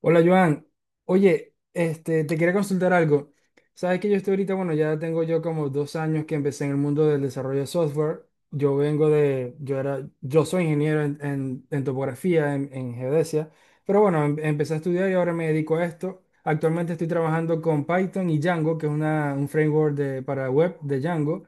Hola Joan, oye, te quería consultar algo. Sabes que yo estoy ahorita, bueno, ya tengo yo como dos años que empecé en el mundo del desarrollo de software. Yo vengo de, yo era, Yo soy ingeniero en topografía, en geodesia, pero bueno, empecé a estudiar y ahora me dedico a esto. Actualmente estoy trabajando con Python y Django, que es un framework de, para web de Django.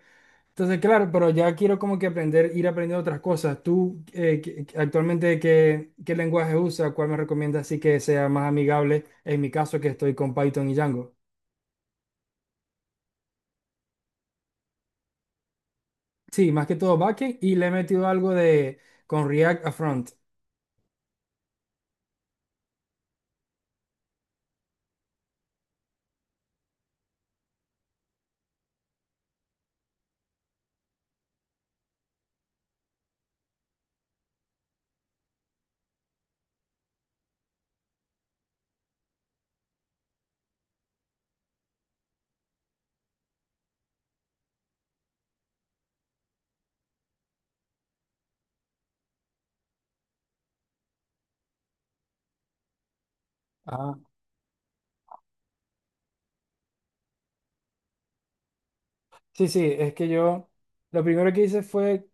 Entonces, claro, pero ya quiero como que aprender, ir aprendiendo otras cosas. ¿Tú actualmente qué lenguaje usas? ¿Cuál me recomiendas así que sea más amigable? En mi caso, que estoy con Python y Django. Sí, más que todo backend y le he metido algo de con React a front. Sí, sí, es que yo lo primero que hice fue,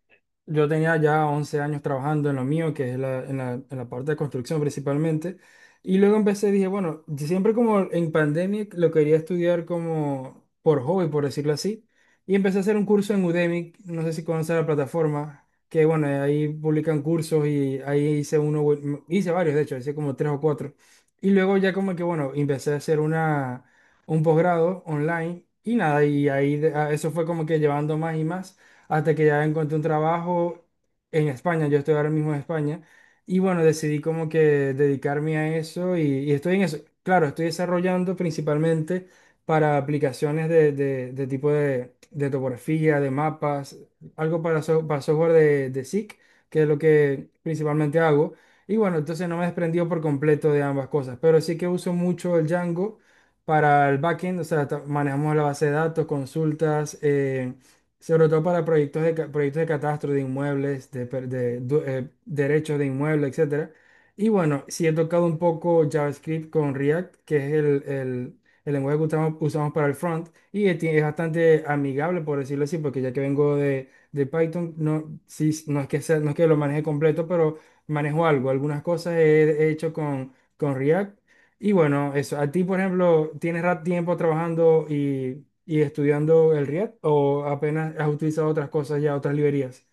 yo tenía ya 11 años trabajando en lo mío, que en en la parte de construcción principalmente, y luego empecé, dije, bueno, yo siempre como en pandemia lo quería estudiar como por hobby, por decirlo así, y empecé a hacer un curso en Udemy, no sé si conoces la plataforma, que bueno, ahí publican cursos y ahí hice uno, hice varios, de hecho, hice como tres o cuatro, y luego ya como que, bueno, empecé a hacer una un posgrado online y nada, y ahí eso fue como que llevando más y más hasta que ya encontré un trabajo en España, yo estoy ahora mismo en España y bueno, decidí como que dedicarme a eso y estoy en eso, claro, estoy desarrollando principalmente para aplicaciones de tipo de topografía, de mapas, algo para, para software de SIC, que es lo que principalmente hago. Y bueno, entonces no me he desprendido por completo de ambas cosas, pero sí que uso mucho el Django para el backend, o sea, manejamos la base de datos, consultas, sobre todo para proyectos de, proyectos de catastro de inmuebles, de, derechos de inmuebles, etcétera. Y bueno, sí he tocado un poco JavaScript con React, que es el lenguaje que usamos para el front, y es, es bastante amigable, por decirlo así, porque ya que vengo de Python, no, sí, no es que lo maneje completo, pero manejo algo, algunas cosas he hecho con React. Y bueno, eso, a ti, por ejemplo, ¿tienes tiempo trabajando y estudiando el React o apenas has utilizado otras cosas ya, otras librerías,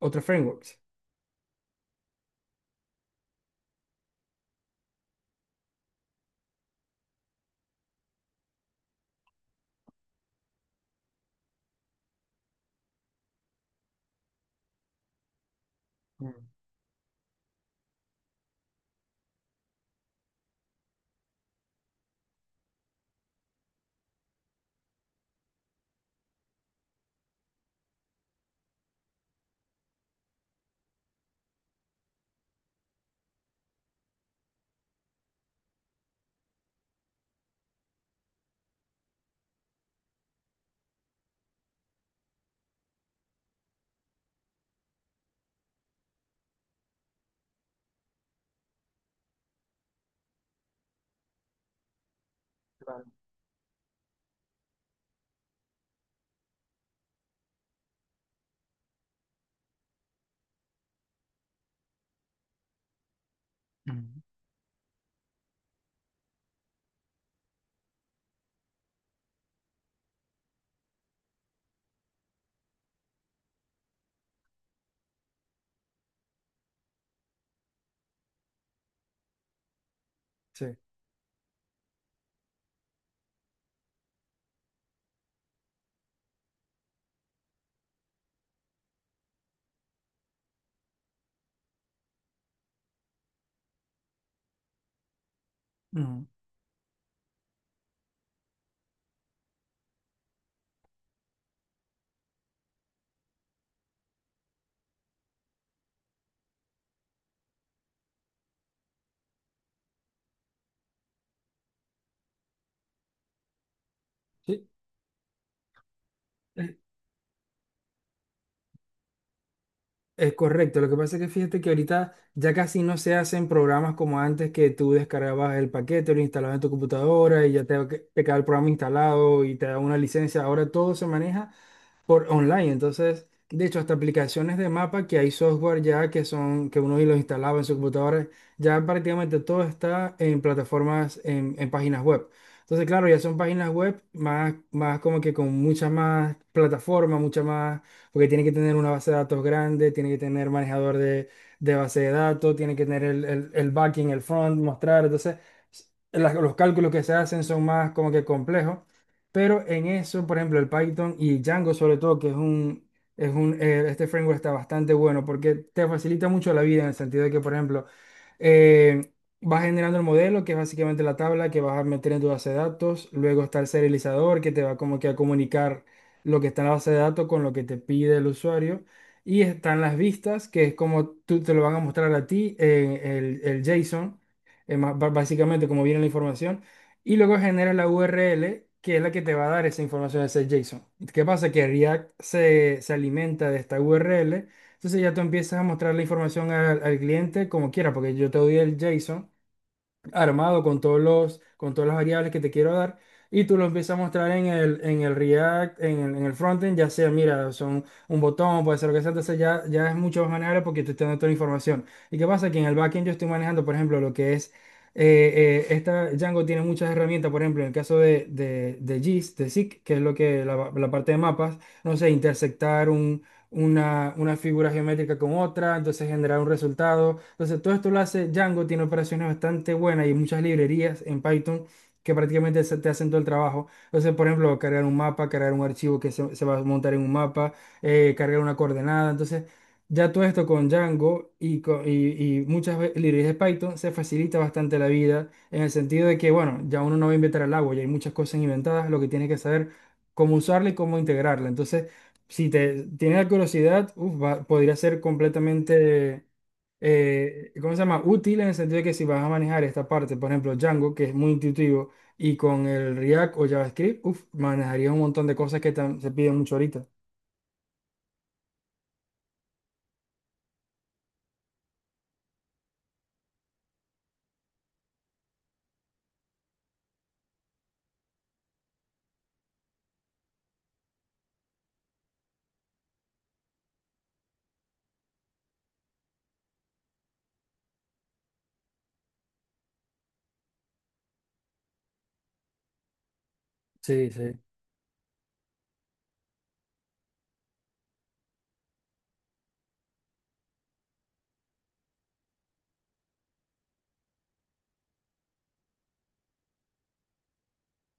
otros frameworks? Mm, mm, Sí. Ujú. Sí. Es correcto, lo que pasa es que fíjate que ahorita ya casi no se hacen programas como antes que tú descargabas el paquete, lo instalabas en tu computadora y ya te quedaba el programa instalado y te daba una licencia. Ahora todo se maneja por online. Entonces, de hecho, hasta aplicaciones de mapa que hay software ya que son, que uno los instalaba en su computadora, ya prácticamente todo está en plataformas, en páginas web. Entonces, claro, ya son páginas web más, más como que con muchas más plataformas, mucha más, porque tiene que tener una base de datos grande, tiene que tener manejador de base de datos, tiene que tener el backing, el front, mostrar. Entonces, los cálculos que se hacen son más como que complejos. Pero en eso, por ejemplo, el Python y Django sobre todo, que es es un, este framework está bastante bueno porque te facilita mucho la vida en el sentido de que, por ejemplo, eh, vas generando el modelo, que es básicamente la tabla que vas a meter en tu base de datos, luego está el serializador que te va como que a comunicar lo que está en la base de datos con lo que te pide el usuario, y están las vistas, que es como tú te lo van a mostrar a ti en el JSON, básicamente como viene la información y luego genera la URL que es la que te va a dar esa información, ese JSON. ¿Qué pasa? Que React se alimenta de esta URL, entonces ya tú empiezas a mostrar la información al cliente como quiera, porque yo te doy el JSON, armado con todos los, con todas las variables que te quiero dar. Y tú lo empiezas a mostrar en en el React, en en el frontend, ya sea, mira, son un botón, puede ser lo que sea, entonces ya, ya es mucho más manejable porque te estoy dando toda la información. ¿Y qué pasa? Que en el backend yo estoy manejando, por ejemplo, lo que es, esta Django tiene muchas herramientas, por ejemplo, en el caso de GIS, de SIG, que es lo que, la parte de mapas, no sé, intersectar una figura geométrica con otra, entonces generar un resultado. Entonces todo esto lo hace Django, tiene operaciones bastante buenas y muchas librerías en Python que prácticamente te hacen todo el trabajo. Entonces, por ejemplo, cargar un mapa, cargar un archivo que se va a montar en un mapa, cargar una coordenada. Entonces, ya todo esto con Django y muchas librerías de Python se facilita bastante la vida en el sentido de que, bueno, ya uno no va a inventar el agua, ya hay muchas cosas inventadas, lo que tiene que saber cómo usarla y cómo integrarla. Entonces, si te tienes la curiosidad, uf, podría ser completamente, ¿cómo se llama? Útil en el sentido de que si vas a manejar esta parte, por ejemplo, Django, que es muy intuitivo, y con el React o JavaScript, uf, manejarías un montón de cosas que se piden mucho ahorita. Sí, sí.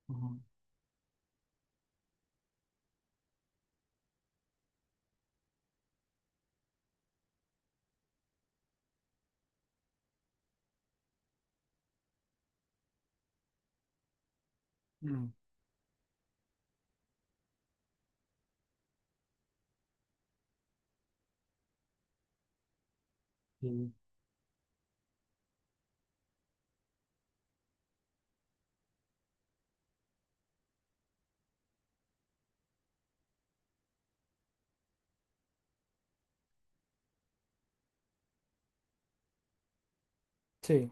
Ujú. Mm. Sí. Sí.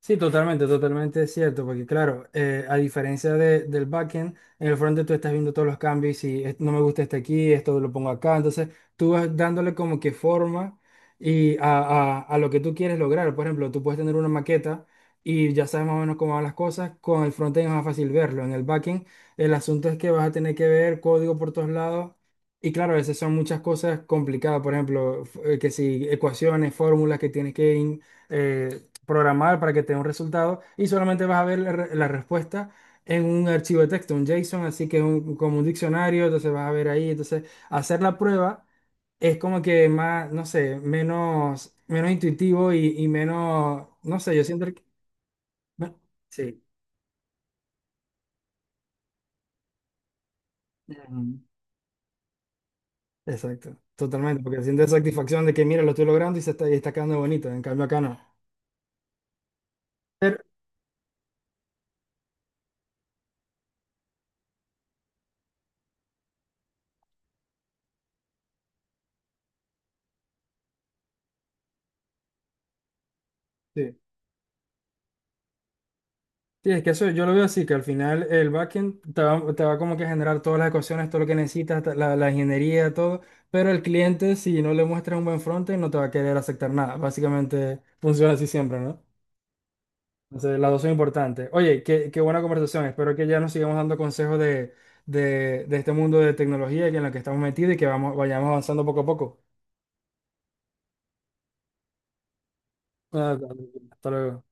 Sí, totalmente, totalmente es cierto, porque claro, a diferencia del backend, en el frontend tú estás viendo todos los cambios y no me gusta este aquí, esto lo pongo acá, entonces tú vas dándole como que forma y a, a lo que tú quieres lograr. Por ejemplo, tú puedes tener una maqueta y ya sabes más o menos cómo van las cosas, con el frontend es más fácil verlo, en el backend el asunto es que vas a tener que ver código por todos lados. Y claro, a veces son muchas cosas complicadas, por ejemplo, que si ecuaciones, fórmulas que tienes que eh, programar para que te dé un resultado y solamente vas a ver la respuesta en un archivo de texto, un JSON, así que como un diccionario, entonces vas a ver ahí, entonces hacer la prueba es como que más, no sé, menos, menos intuitivo y menos, no sé, yo siento que... me- Sí. Ujú. Exacto, totalmente, porque sientes satisfacción de que mira, lo estoy logrando y se está, y está quedando bonito, en cambio acá no. Pero, sí. Sí, es que eso yo lo veo así, que al final el backend te va como que a generar todas las ecuaciones, todo lo que necesitas, la ingeniería, todo, pero el cliente si no le muestras un buen frontend no te va a querer aceptar nada. Básicamente funciona así siempre, ¿no? Entonces las dos son importantes. Oye, qué buena conversación. Espero que ya nos sigamos dando consejos de este mundo de tecnología en la que estamos metidos y que vayamos avanzando poco a poco. Ah, hasta luego.